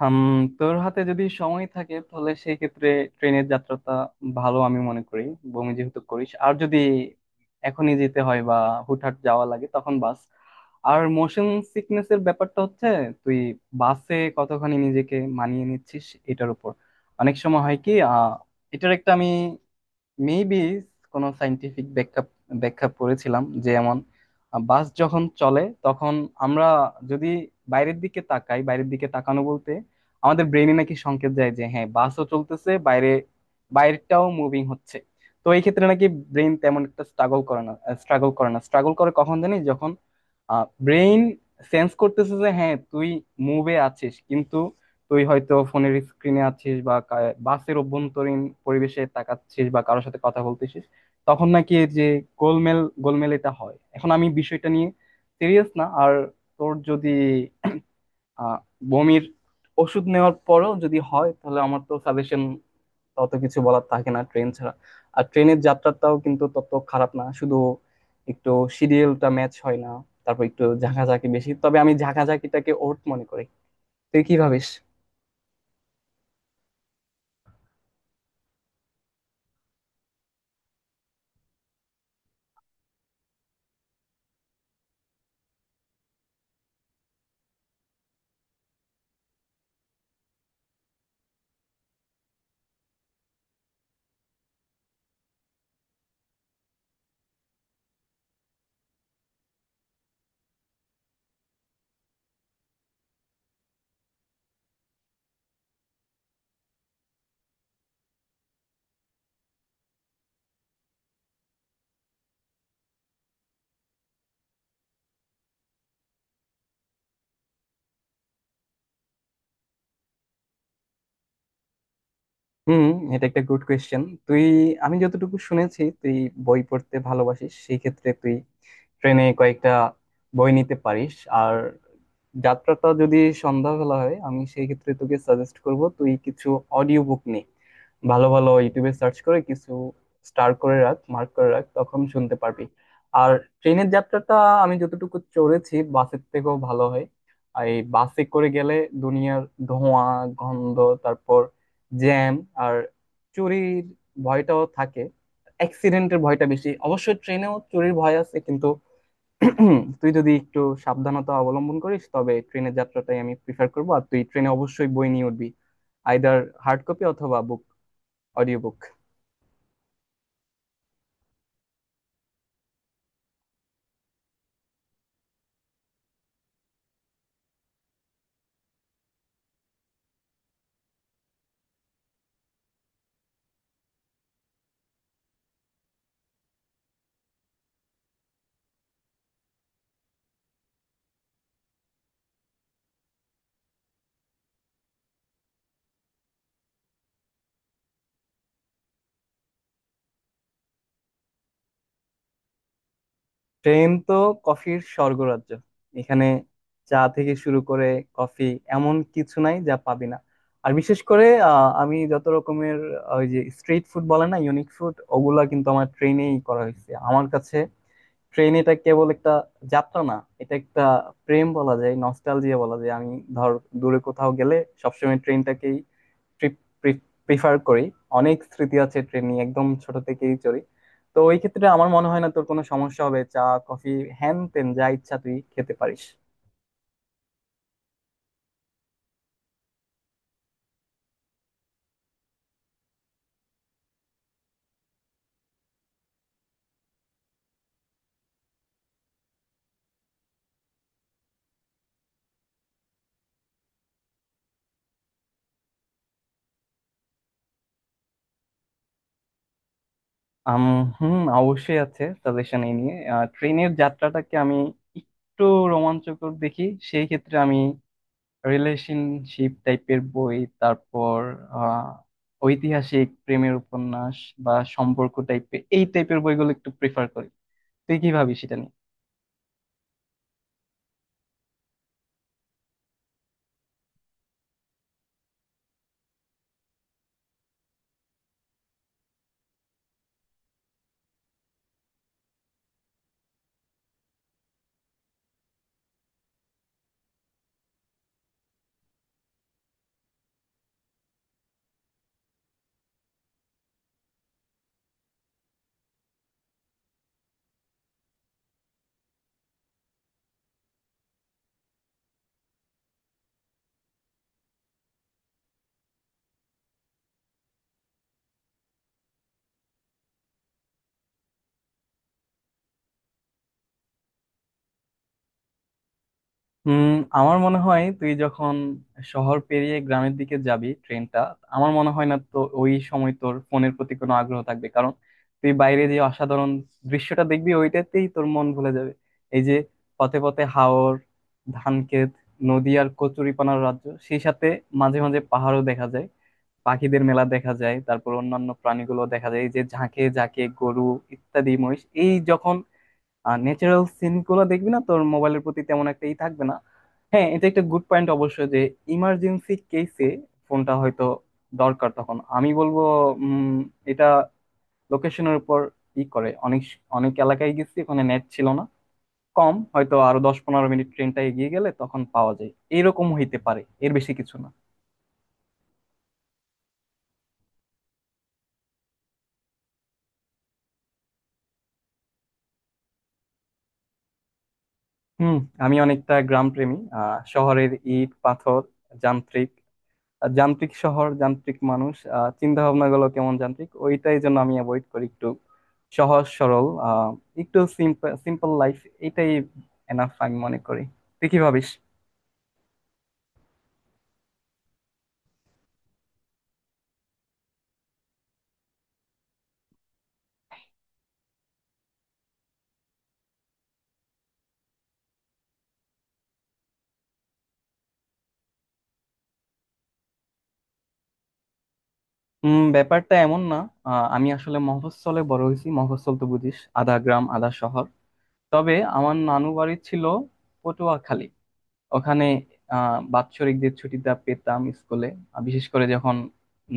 হাম। তোর হাতে যদি সময় থাকে তাহলে সেই ক্ষেত্রে ট্রেনের যাত্রাটা ভালো আমি মনে করি। বমি যেহেতু করিস আর যদি এখনই যেতে হয় বা হুটহাট যাওয়া লাগে তখন বাস। আর মোশন সিকনেস এর ব্যাপারটা হচ্ছে তুই বাসে কতখানি নিজেকে মানিয়ে নিচ্ছিস এটার উপর। অনেক সময় হয় কি এটার একটা আমি মেবি কোনো সাইন্টিফিক ব্যাখ্যা ব্যাখ্যা পড়েছিলাম যে এমন, বাস যখন চলে তখন আমরা যদি বাইরের দিকে তাকানো বলতে আমাদের ব্রেনে নাকি সংকেত যায় যে হ্যাঁ বাসও চলতেছে, বাইরে বাইরেটাও মুভিং হচ্ছে। তো এই ক্ষেত্রে নাকি ব্রেন তেমন একটা স্ট্রাগল করে না। স্ট্রাগল করে কখন জানি যখন ব্রেন সেন্স করতেছে যে হ্যাঁ তুই মুভে আছিস কিন্তু তুই হয়তো ফোনের স্ক্রিনে আছিস বা বাসের অভ্যন্তরীণ পরিবেশে তাকাচ্ছিস বা কারোর সাথে কথা বলতেছিস, তখন নাকি এই যে গোলমেল গোলমেল এটা হয়। এখন আমি বিষয়টা নিয়ে সিরিয়াস না। আর তোর যদি আহ বমির ওষুধ নেওয়ার পরেও যদি হয় তাহলে আমার তো সাজেশন তত কিছু বলার থাকে না ট্রেন ছাড়া। আর ট্রেনের যাত্রাটাও কিন্তু তত খারাপ না, শুধু একটু শিডিউলটা ম্যাচ হয় না, তারপর একটু ঝাঁকাঝাঁকি বেশি, তবে আমি ঝাঁকাঝাঁকিটাকে ওর্ট মনে করি। তুই কি ভাবিস? হুম। এটা একটা গুড কোয়েশ্চেন। তুই, আমি যতটুকু শুনেছি, তুই বই পড়তে ভালোবাসিস, সেই ক্ষেত্রে তুই ট্রেনে কয়েকটা বই নিতে পারিস। আর যাত্রাটা যদি সন্ধ্যাবেলা হয় আমি সেই ক্ষেত্রে তোকে সাজেস্ট করব তুই কিছু অডিও বুক নে। ভালো ভালো ইউটিউবে সার্চ করে কিছু স্টার করে রাখ, মার্ক করে রাখ, তখন শুনতে পারবি। আর ট্রেনের যাত্রাটা আমি যতটুকু চড়েছি বাসের থেকেও ভালো হয়। আর এই বাসে করে গেলে দুনিয়ার ধোঁয়া, গন্ধ, তারপর জ্যাম, আর চুরির ভয়টাও থাকে, অ্যাক্সিডেন্টের ভয়টা বেশি। অবশ্যই ট্রেনেও চুরির ভয় আছে কিন্তু তুই যদি একটু সাবধানতা অবলম্বন করিস তবে ট্রেনের যাত্রাটাই আমি প্রিফার করবো। আর তুই ট্রেনে অবশ্যই বই নিয়ে উঠবি, আইদার হার্ড কপি অথবা অডিও বুক। ট্রেন তো কফির স্বর্গরাজ্য। এখানে চা থেকে শুরু করে কফি, এমন কিছু নাই যা পাবি না। আর বিশেষ করে আমি যত রকমের ওই যে স্ট্রিট ফুড বলে না, ইউনিক ফুড, ওগুলা কিন্তু আমার ট্রেনেই করা হয়েছে আমার কাছে। ট্রেন, এটা কেবল একটা যাত্রা না, এটা একটা প্রেম বলা যায়, নস্টালজিয়া বলা যায়। আমি, ধর, দূরে কোথাও গেলে সবসময় ট্রেনটাকেই ট্রিপ প্রিফার করি। অনেক স্মৃতি আছে ট্রেন নিয়ে, একদম ছোট থেকেই চড়ি। তো ওই ক্ষেত্রে আমার মনে হয় না তোর কোনো সমস্যা হবে, চা কফি হ্যান তেন যা ইচ্ছা তুই খেতে পারিস। আম, হুম অবশ্যই আছে সাজেশন এই নিয়ে। ট্রেনের যাত্রাটাকে আমি একটু রোমাঞ্চকর দেখি, সেই ক্ষেত্রে আমি রিলেশনশিপ টাইপের বই, তারপর আহ, ঐতিহাসিক প্রেমের উপন্যাস বা সম্পর্ক টাইপের, এই টাইপের বইগুলো একটু প্রেফার করি। তুই কি ভাবিস এটা নিয়ে? হুম। আমার মনে হয় তুই যখন শহর পেরিয়ে গ্রামের দিকে যাবি ট্রেনটা, আমার মনে হয় না তো ওই সময় তোর ফোনের প্রতি কোনো আগ্রহ থাকবে, কারণ তুই বাইরে যে অসাধারণ দৃশ্যটা দেখবি ওইটাতেই তোর মন ভুলে যাবে। এই যে পথে পথে হাওর, ধানক্ষেত, নদী আর কচুরিপানার রাজ্য, সেই সাথে মাঝে মাঝে পাহাড়ও দেখা যায়, পাখিদের মেলা দেখা যায়, তারপর অন্যান্য প্রাণীগুলো দেখা যায়, এই যে ঝাঁকে ঝাঁকে গরু ইত্যাদি মহিষ। এই যখন আর ন্যাচারাল সিন গুলো দেখবি না, তোর মোবাইলের প্রতি তেমন একটা ই থাকবে না। হ্যাঁ, এটা একটা গুড পয়েন্ট অবশ্য যে ইমার্জেন্সি কেসে ফোনটা হয়তো দরকার। তখন আমি বলবো উম এটা লোকেশনের উপর ই করে। অনেক অনেক এলাকায় গেছি ওখানে নেট ছিল না, কম, হয়তো আরো 10-15 মিনিট ট্রেনটা এগিয়ে গেলে তখন পাওয়া যায়, এরকম হইতে পারে, এর বেশি কিছু না। হুম, আমি অনেকটা গ্রাম প্রেমী। শহরের ইট পাথর যান্ত্রিক, যান্ত্রিক শহর, যান্ত্রিক মানুষ, চিন্তা ভাবনা গুলো কেমন যান্ত্রিক, ওইটাই জন্য আমি অ্যাভয়েড করি একটু। সহজ সরল, একটু সিম্পল সিম্পল লাইফ, এটাই এনাফ আমি মনে করি। তুই কি ভাবিস? ব্যাপারটা এমন না। আমি আসলে মফস্বলে বড় হয়েছি, মফস্বল তো বুঝিস, আধা গ্রাম আধা শহর। তবে আমার নানু বাড়ি ছিল পটুয়াখালী। ওখানে বাৎসরিক যে ছুটিটা পেতাম স্কুলে, বিশেষ করে যখন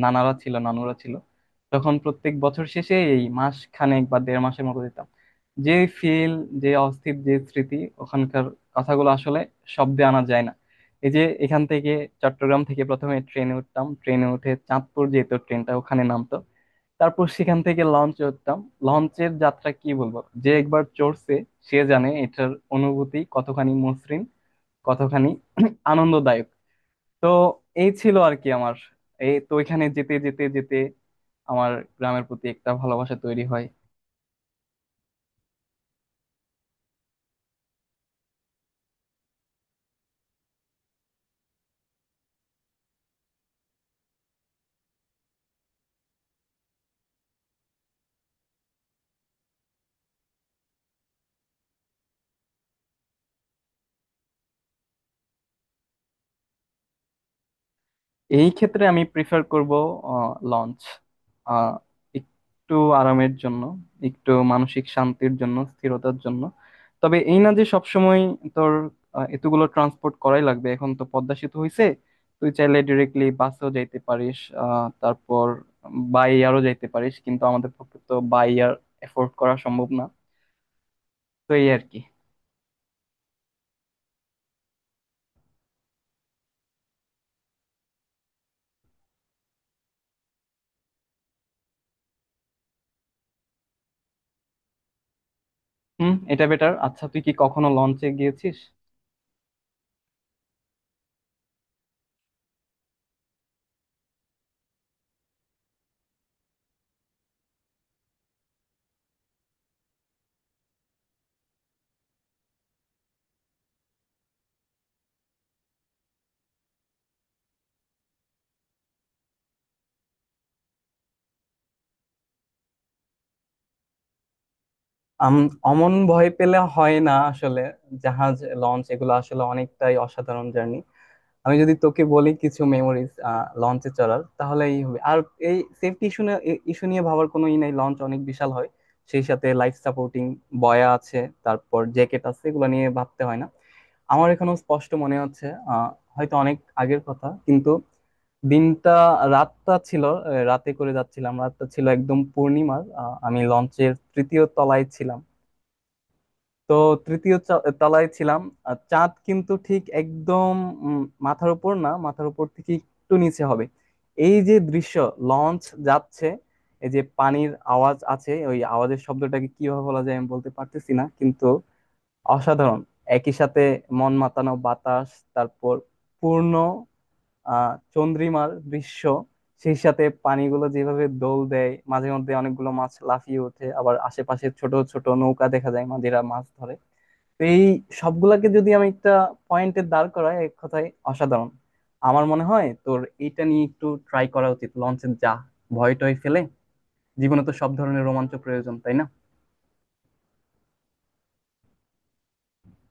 নানারা ছিল নানুরা ছিল, তখন প্রত্যেক বছর শেষে এই মাস খানেক বা দেড় মাসের মতো দিতাম। যে ফিল, যে অস্থির যে স্মৃতি ওখানকার, কথাগুলো আসলে শব্দে আনা যায় না। এই যে এখান থেকে চট্টগ্রাম থেকে প্রথমে ট্রেনে উঠতাম, ট্রেনে উঠে চাঁদপুর যেত ট্রেনটা, ওখানে নামতো। তারপর সেখান থেকে লঞ্চে উঠতাম। লঞ্চের যাত্রা কি বলবো, যে একবার চড়ছে সে জানে এটার অনুভূতি কতখানি মসৃণ, কতখানি আনন্দদায়ক। তো এই ছিল আর কি আমার। এই তো ওইখানে যেতে যেতে যেতে আমার গ্রামের প্রতি একটা ভালোবাসা তৈরি হয়। এই ক্ষেত্রে আমি প্রিফার করব লঞ্চ, একটু আরামের জন্য, একটু মানসিক শান্তির জন্য, স্থিরতার জন্য। তবে এই না যে সবসময় তোর এতগুলো ট্রান্সপোর্ট করাই লাগবে, এখন তো পদ্মা সেতু হইছে, তুই চাইলে ডিরেক্টলি বাসেও যাইতে পারিস, তারপর বাই এয়ারও যাইতে পারিস, কিন্তু আমাদের পক্ষে তো বাই এয়ার এফোর্ড করা সম্ভব না। তো এই আর কি। হুম, এটা বেটার। আচ্ছা তুই কি কখনো লঞ্চে গিয়েছিস? আম অমন ভয় পেলে হয় না আসলে। জাহাজ, লঞ্চ, এগুলো আসলে অনেকটাই অসাধারণ জার্নি। আমি যদি তোকে বলি কিছু মেমোরিজ লঞ্চে চড়ার, তাহলে এই হবে। আর এই সেফটি ইস্যু ইস্যু নিয়ে ভাবার কোনো ই নাই, লঞ্চ অনেক বিশাল হয়, সেই সাথে লাইফ সাপোর্টিং বয়া আছে, তারপর জ্যাকেট আছে, এগুলো নিয়ে ভাবতে হয় না। আমার এখনো স্পষ্ট মনে হচ্ছে, আহ হয়তো অনেক আগের কথা কিন্তু, দিনটা রাতটা ছিল, রাতে করে যাচ্ছিলাম, রাতটা ছিল একদম পূর্ণিমার। আমি লঞ্চের তৃতীয় তলায় ছিলাম, তো তৃতীয় তলায় ছিলাম। আর চাঁদ কিন্তু ঠিক একদম মাথার উপর না, মাথার উপর থেকে একটু নিচে হবে। এই যে দৃশ্য, লঞ্চ যাচ্ছে, এই যে পানির আওয়াজ আছে, ওই আওয়াজের শব্দটাকে কিভাবে বলা যায় আমি বলতে পারতেছি না, কিন্তু অসাধারণ। একই সাথে মন মাতানো বাতাস, তারপর পূর্ণ আহ চন্দ্রিমার দৃশ্য, সেই সাথে পানিগুলো যেভাবে দোল দেয়, মাঝে মধ্যে অনেকগুলো মাছ লাফিয়ে ওঠে, আবার আশেপাশে ছোট ছোট নৌকা দেখা যায়, মাঝিরা মাছ ধরে। তো এই সবগুলাকে যদি আমি একটা পয়েন্টে দাঁড় করাই, এক কথায় অসাধারণ। আমার মনে হয় তোর এইটা নিয়ে একটু ট্রাই করা উচিত। লঞ্চে যা, ভয় টয় ফেলে। জীবনে তো সব ধরনের রোমাঞ্চ প্রয়োজন, তাই না?